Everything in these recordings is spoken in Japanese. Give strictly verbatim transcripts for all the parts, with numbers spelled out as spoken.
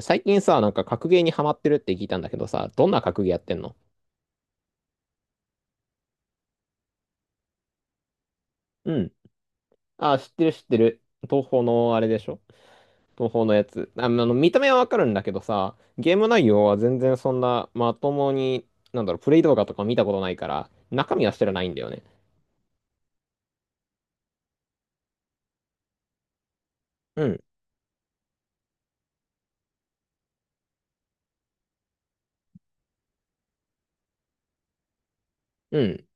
最近さ、なんか格ゲーにハマってるって聞いたんだけどさ、どんな格ゲーやってんの？うん。あ、知ってる知ってる。東宝のあれでしょ？東宝のやつ。あ、あの、見た目はわかるんだけどさ、ゲーム内容は全然そんなまともに、なんだろう、プレイ動画とか見たことないから、中身は知らないんだよね。うん、うん、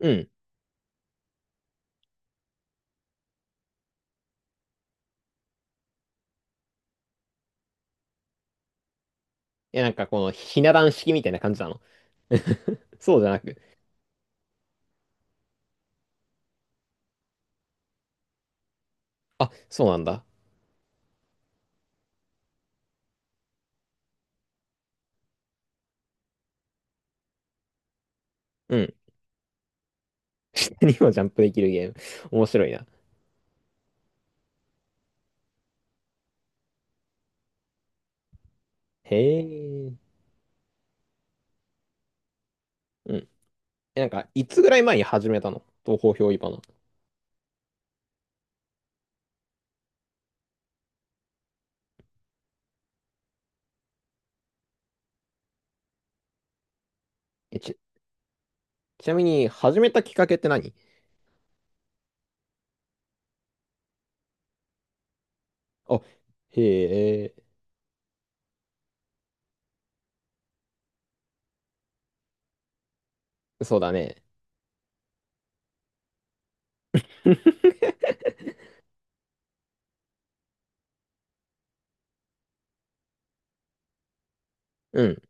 うん。いやなんかこのひな壇式みたいな感じなの？そうじゃなく。あ、そうなんだ。うん。にもジャンプできるゲーム。面白いな。へえ。うん。え、なんか、いつぐらい前に始めたの東方憑依花？え、ち、ちなみに、始めたきっかけって何？あ、へえ、そうだね。うん、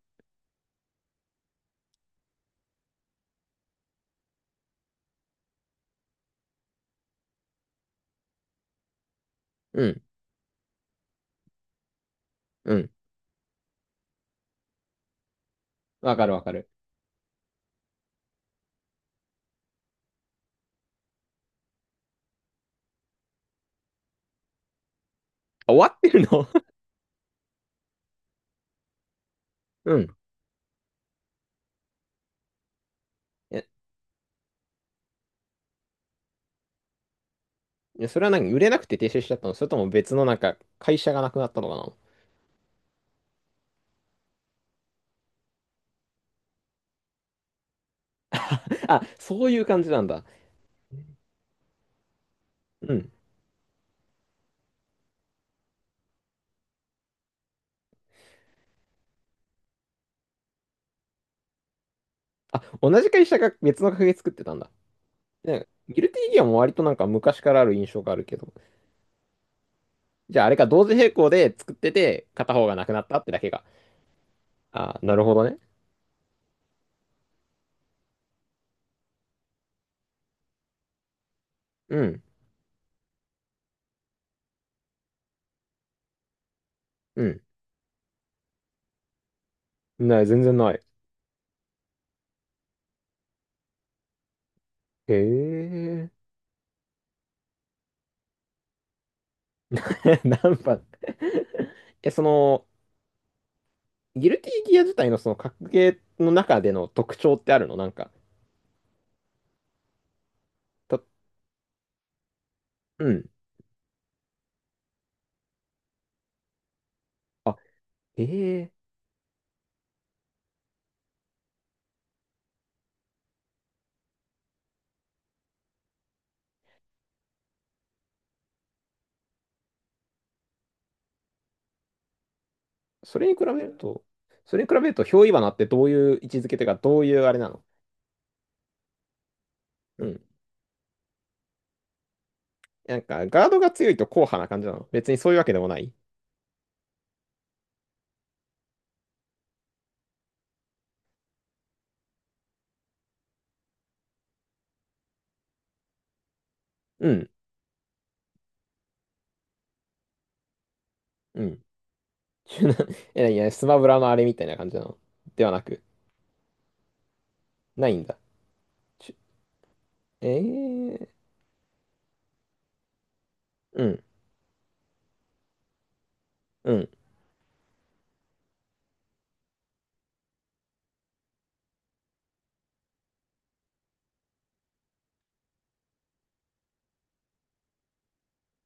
うん、うん。わかるわかる。あ、終わってるの？ うん。え、えそれは何売れなくて停止しちゃったの？それとも別のなんか、会社がなくなったのかな？ あ、そういう感じなんだ。うん。あ、同じ会社が別の会社作ってたんだ。ね、ギルティギアも割となんか昔からある印象があるけど。じゃああれか、同時並行で作ってて、片方がなくなったってだけが。あ、なるほどね。うん。うん。ない、全然ない。へえ。何番え、その、ギルティギア自体のその格ゲーの中での特徴ってあるの？なんか、た、うん。あ、ええそれに比べると、それに比べると、憑依罠ってどういう位置づけというか、どういうあれなの？うん。なんか、ガードが強いと硬派な感じなの？別にそういうわけでもない？うん。うん。いやいや、スマブラのあれみたいな感じなのではなく、ないんだ。ちゅええうん。うん。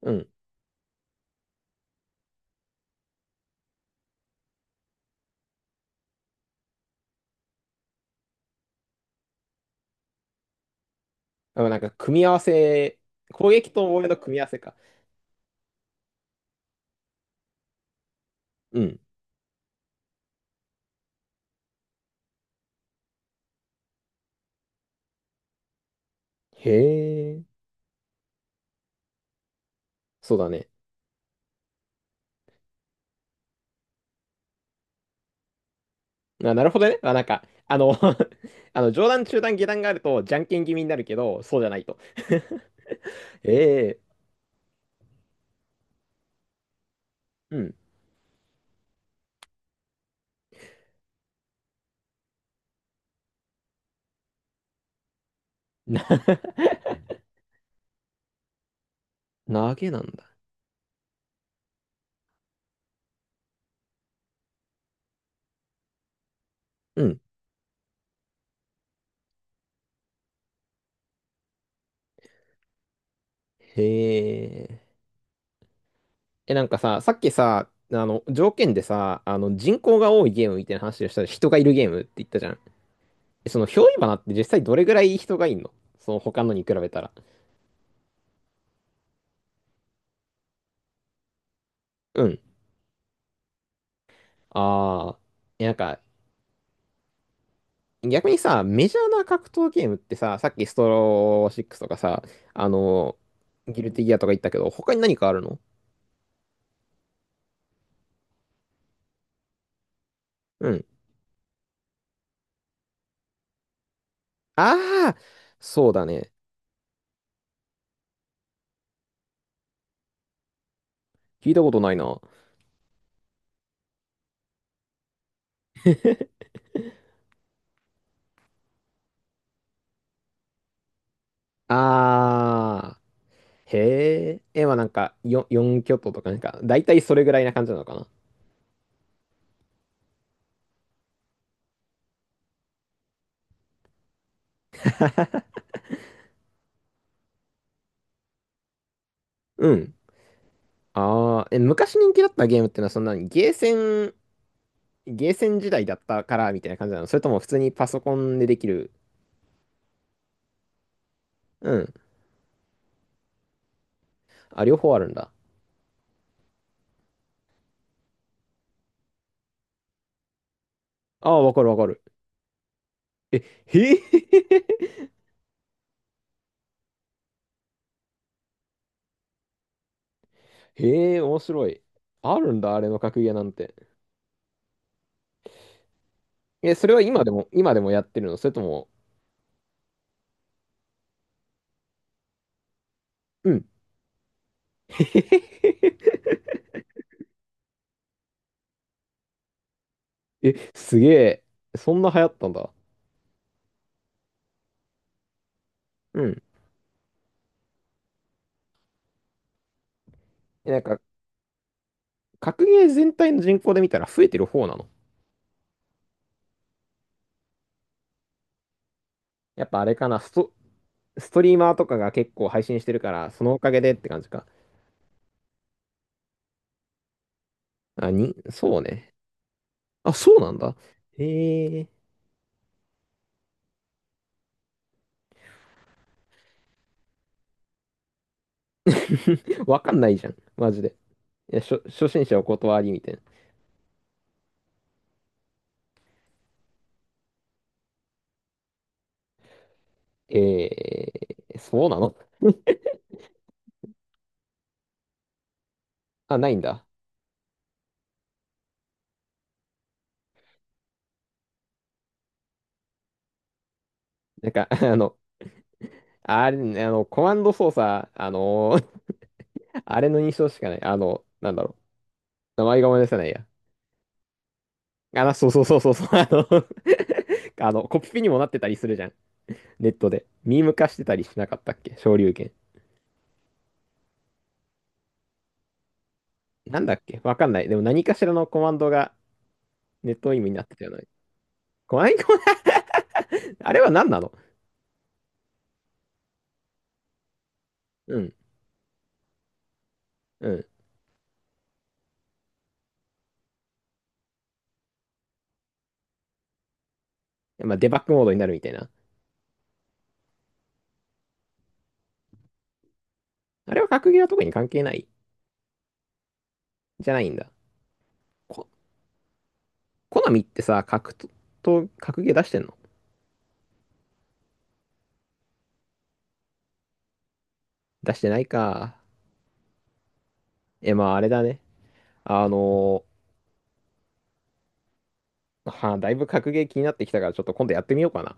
うん。あなんか、組み合わせ、攻撃と防衛の組み合わせか。うん。へえ、そうだね。あ、なるほどね。あ、なんか、あの あの、上段、中段、下段があると、じゃんけん気味になるけど、そうじゃないと。ええ、うん。な、投げなんだ。うん。へえ。え、なんかさ、さっきさ、あの、条件でさ、あの、人口が多いゲームみたいな話をしたら、人がいるゲームって言ったじゃん。えその、憑依花って実際どれぐらい人がいんの？その、他のに比べたら。うん。ああ。え、なんか、逆にさ、メジャーな格闘ゲームってさ、さっきストローシックスとかさ、あの、ギルティギアとか言ったけど、他に何かあるの？うん。ああ、そうだね。聞いたことないな。ああ、へえ。え、まあなんか、よ、よん巨頭とかなんか、だいたいそれぐらいな感じなのかな。うん。ああ、え、昔人気だったゲームってのはそんなにゲーセン、ゲーセン時代だったからみたいな感じなの？それとも普通にパソコンでできる？うん。あ、両方あるんだ。ああ、わかるわかる。え、へえ へえ、面白い。あるんだ、あれの格ゲーなんて。え、それは今でも、今でもやってるの？それとも、うん。へへへへえ、すげえ。そんな流行ったんだ。うん。えなんか、格ゲー全体の人口で見たら増えてる方なの？やっぱあれかな、スト、ストリーマーとかが結構配信してるから、そのおかげでって感じか。あ、に、そうね。あ、そうなんだ。へえ。わかんないじゃん。マジで。いや、初、初心者お断りみたいな。えー、そうなの？あ、ないんだ。なんか、あの、あれ、あの、コマンド操作、あのー あれの印象しかない。あの、なんだろう。名前が思い出せないや。あの、そうそうそうそうそう。あの あの、コピペにもなってたりするじゃん。ネットで。ミーム化してたりしなかったっけ昇竜拳？なんだっけわかんない。でも何かしらのコマンドがネットミームになってたよね。コマンド、あれは何なの？うん、うん。まあ、デバッグモードになるみたいな。あれは格ゲーは特に関係ない？じゃないんだ。こ、コナミってさ、格闘、格ゲー出してんの？出してないか。え、まああれだね。あのーはあ、だいぶ格ゲー気になってきたから、ちょっと今度やってみようかな。